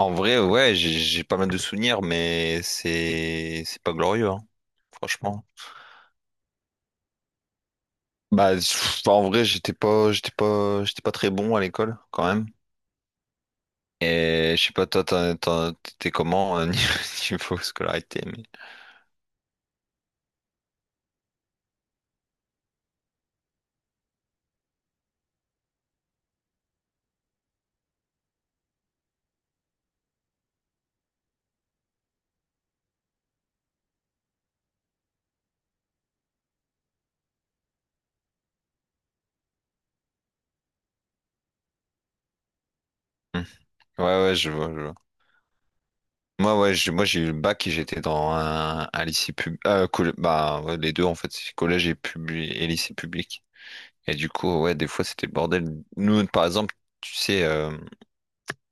En vrai, ouais, j'ai pas mal de souvenirs, mais c'est pas glorieux, hein, franchement. Bah, en vrai, j'étais pas très bon à l'école, quand même. Et je sais pas, toi, t'étais comment niveau scolarité, mais... Hmm. Ouais, ouais, je vois, je vois. Moi, ouais, moi j'ai eu le bac et j'étais dans un lycée pub, bah ouais, les deux en fait, c'est collège et et lycée public. Et du coup, ouais, des fois c'était le bordel. Nous, par exemple, tu sais,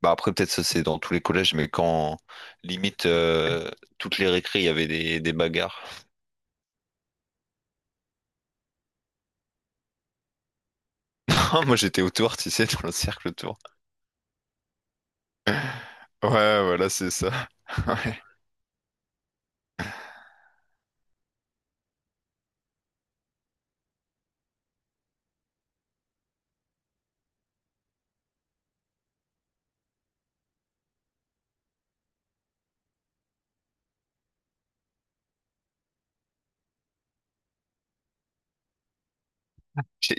bah après peut-être ça c'est dans tous les collèges, mais quand limite toutes les récré, il y avait des bagarres. Moi j'étais autour, tu sais, dans le cercle autour. Ouais, voilà, c'est ça. Ouais.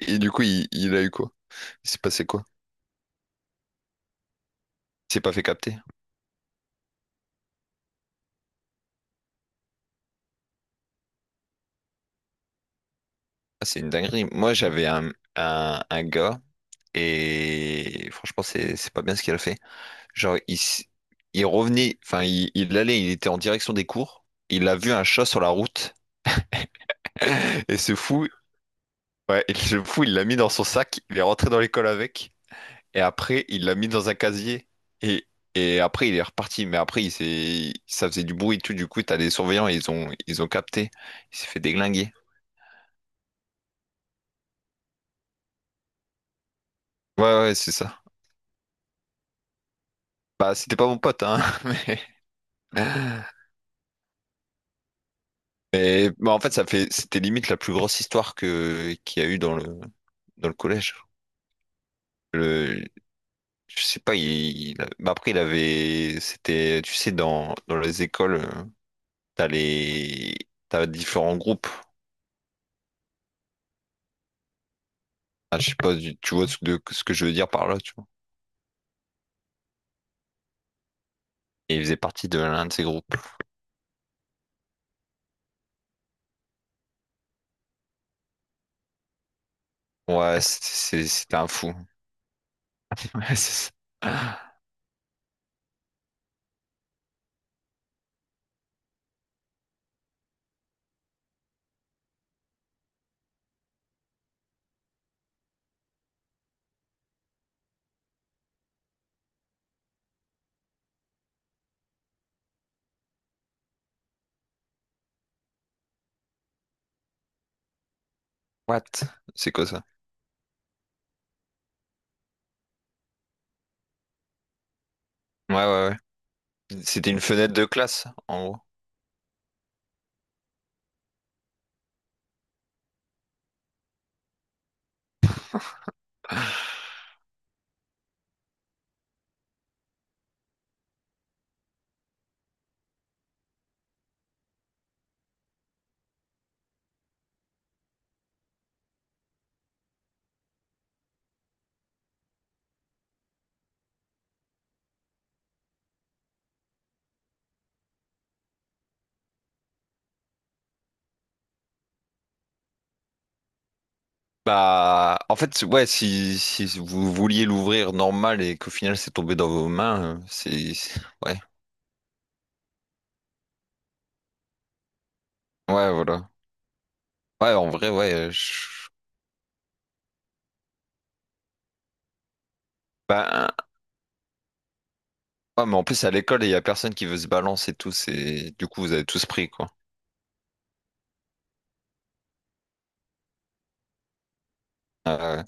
Et du coup, il a eu quoi? Il s'est passé quoi? Il s'est pas fait capter? Ah, c'est une dinguerie. Moi, j'avais un gars et franchement, c'est pas bien ce qu'il a fait. Genre, il revenait, enfin, il était en direction des cours. Il a vu un chat sur la route et ce fou, ouais, et ce fou, il l'a mis dans son sac. Il est rentré dans l'école avec et après, il l'a mis dans un casier et et après, il est reparti. Mais après, ça faisait du bruit et tout. Du coup, t'as des surveillants, et ils ont capté. Il s'est fait déglinguer. Ouais, ouais, c'est ça. Bah, c'était pas mon pote, hein, mais. Mais bah, en fait, c'était limite la plus grosse histoire que qu'il y a eu dans le collège. Le, je sais pas, il, bah, après il avait, c'était, tu sais, dans les écoles, t'as les t'as différents groupes. Ah, je sais pas, tu vois ce que je veux dire par là, tu vois. Et il faisait partie de l'un de ces groupes. Ouais, c'était un fou. Ouais, c'est ça. What? C'est quoi ça? Ouais, ouais, ouais. C'était une fenêtre de classe, en gros. Bah, en fait, ouais, si, si vous vouliez l'ouvrir normal et qu'au final c'est tombé dans vos mains, ouais, ouais, voilà. Ouais, en vrai, ouais, bah, ouais, mais en plus à l'école, il y a personne qui veut se balancer et tout, c'est, du coup, vous avez tous pris, quoi. Euh,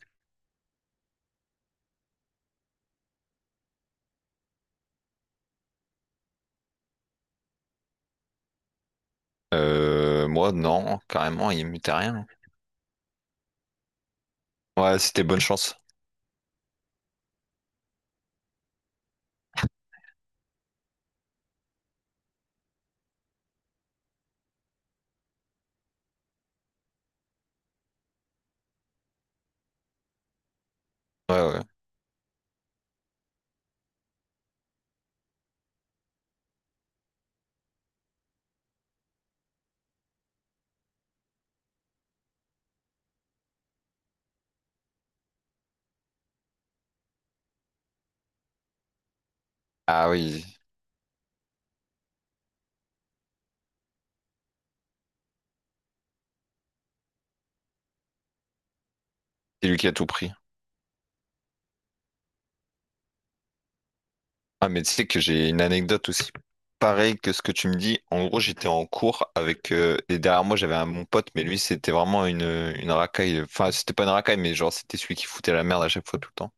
moi, non, carrément, il m'était rien. Ouais, c'était bonne chance. Ouais, ouais. Ah oui, c'est lui qui a tout pris. Ah, mais tu sais que j'ai une anecdote aussi pareille que ce que tu me dis. En gros, j'étais en cours avec. Et derrière moi, j'avais mon pote, mais lui, c'était vraiment une racaille. Enfin, c'était pas une racaille, mais genre, c'était celui qui foutait la merde à chaque fois, tout le temps.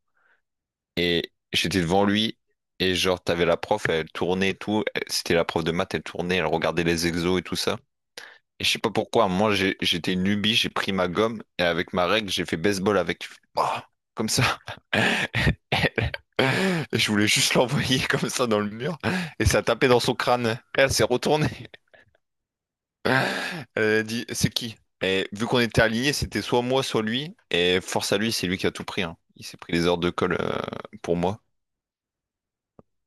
Et j'étais devant lui, et genre, t'avais la prof, elle tournait et tout. Elle- C'était la prof de maths, elle tournait, elle regardait les exos et tout ça. Et je sais pas pourquoi, moi, j'étais une lubie, j'ai pris ma gomme, et avec ma règle, j'ai fait baseball avec. Oh, comme ça. Je voulais juste l'envoyer comme ça dans le mur et ça a tapé dans son crâne. Elle s'est retournée. Elle a dit, c'est qui? Et vu qu'on était alignés, c'était soit moi, soit lui. Et force à lui, c'est lui qui a tout pris, hein. Il s'est pris les heures de colle pour moi.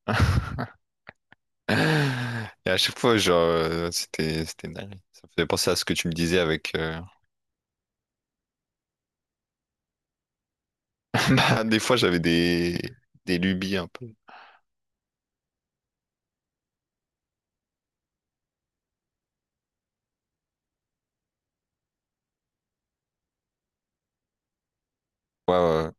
Et à chaque fois, genre, c'était dingue. Ça me faisait penser à ce que tu me disais avec. Bah, des fois, j'avais des lubies un peu. Ouais, ouais, ouais.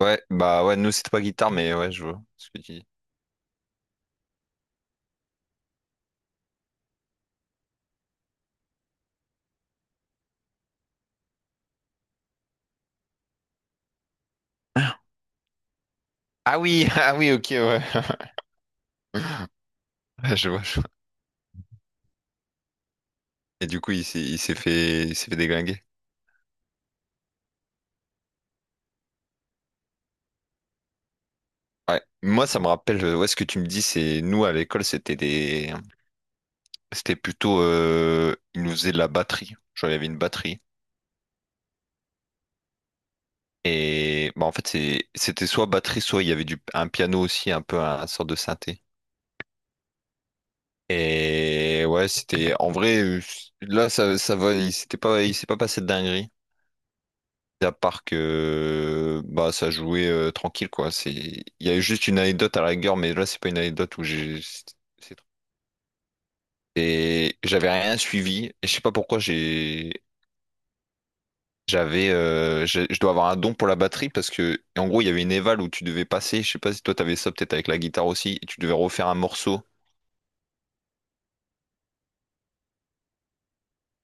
Ouais, bah ouais, nous, c'était pas guitare, mais ouais, je vois ce que tu dis. Ah oui, ah oui, ok, ouais. Je vois. Et du coup, il s'est fait déglinguer. Ouais. Moi, ça me rappelle, ouais, ce que tu me dis, c'est nous à l'école, c'était plutôt, ils nous faisaient de la batterie. Genre, il y avait une batterie. Et bah, en fait, c'était soit batterie, soit il y avait un piano aussi, un peu sorte de synthé. Et ouais, en vrai, là, ça va, il s'est pas passé de dinguerie. À part que, bah, ça jouait tranquille, quoi. C'est, il y a eu juste une anecdote à la rigueur, mais là, c'est pas une anecdote où j'ai, c'est et j'avais rien suivi. Et je sais pas pourquoi j'avais je dois avoir un don pour la batterie parce que en gros il y avait une éval où tu devais passer, je sais pas si toi t'avais ça peut-être avec la guitare aussi, et tu devais refaire un morceau.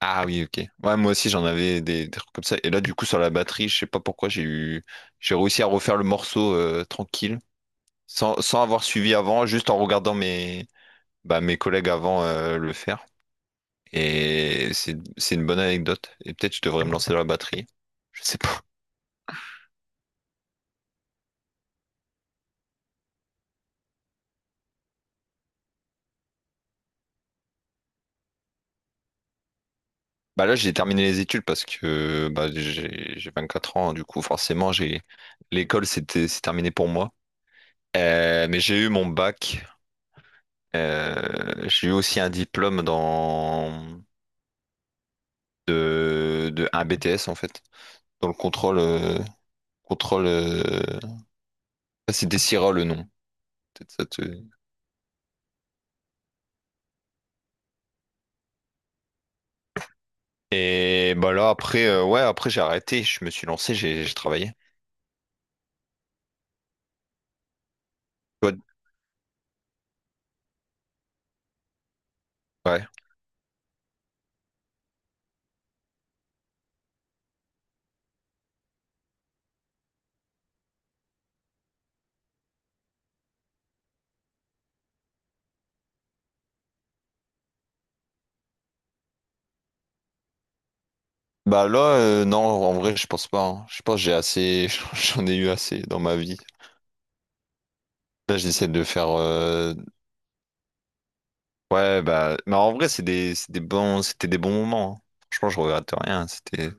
Ah oui, ok. Ouais, moi aussi j'en avais des trucs comme ça. Et là du coup sur la batterie, je sais pas pourquoi j'ai réussi à refaire le morceau tranquille, sans avoir suivi avant, juste en regardant mes bah, mes collègues avant le faire. Et c'est une bonne anecdote. Et peut-être je devrais me lancer dans la batterie. Je sais pas. Bah là, j'ai terminé les études parce que bah, j'ai 24 ans, du coup, forcément, j'ai l'école, c'est terminé pour moi. Mais j'ai eu mon bac. J'ai eu aussi un diplôme dans de un BTS en fait, dans le contrôle contrôle. Ah, c'est Desira le nom. Peut-être ça te- Et bah là après, ouais, après j'ai arrêté, je me suis lancé, j'ai travaillé. Toi, ouais. Bah là, non, en vrai, je pense pas, hein. Je pense que j'ai assez, j'en ai eu assez dans ma vie. Là, j'essaie de faire. Ouais, bah. Mais en vrai, c'était des bons moments, hein. Franchement, je regrette rien. C'était.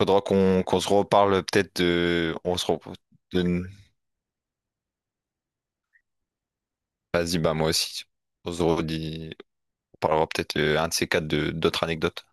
Faudra qu'on se reparle peut-être de. On se re- de- Vas-y, bah, moi aussi. On se redit. On parlera peut-être un de ces quatre de d'autres anecdotes.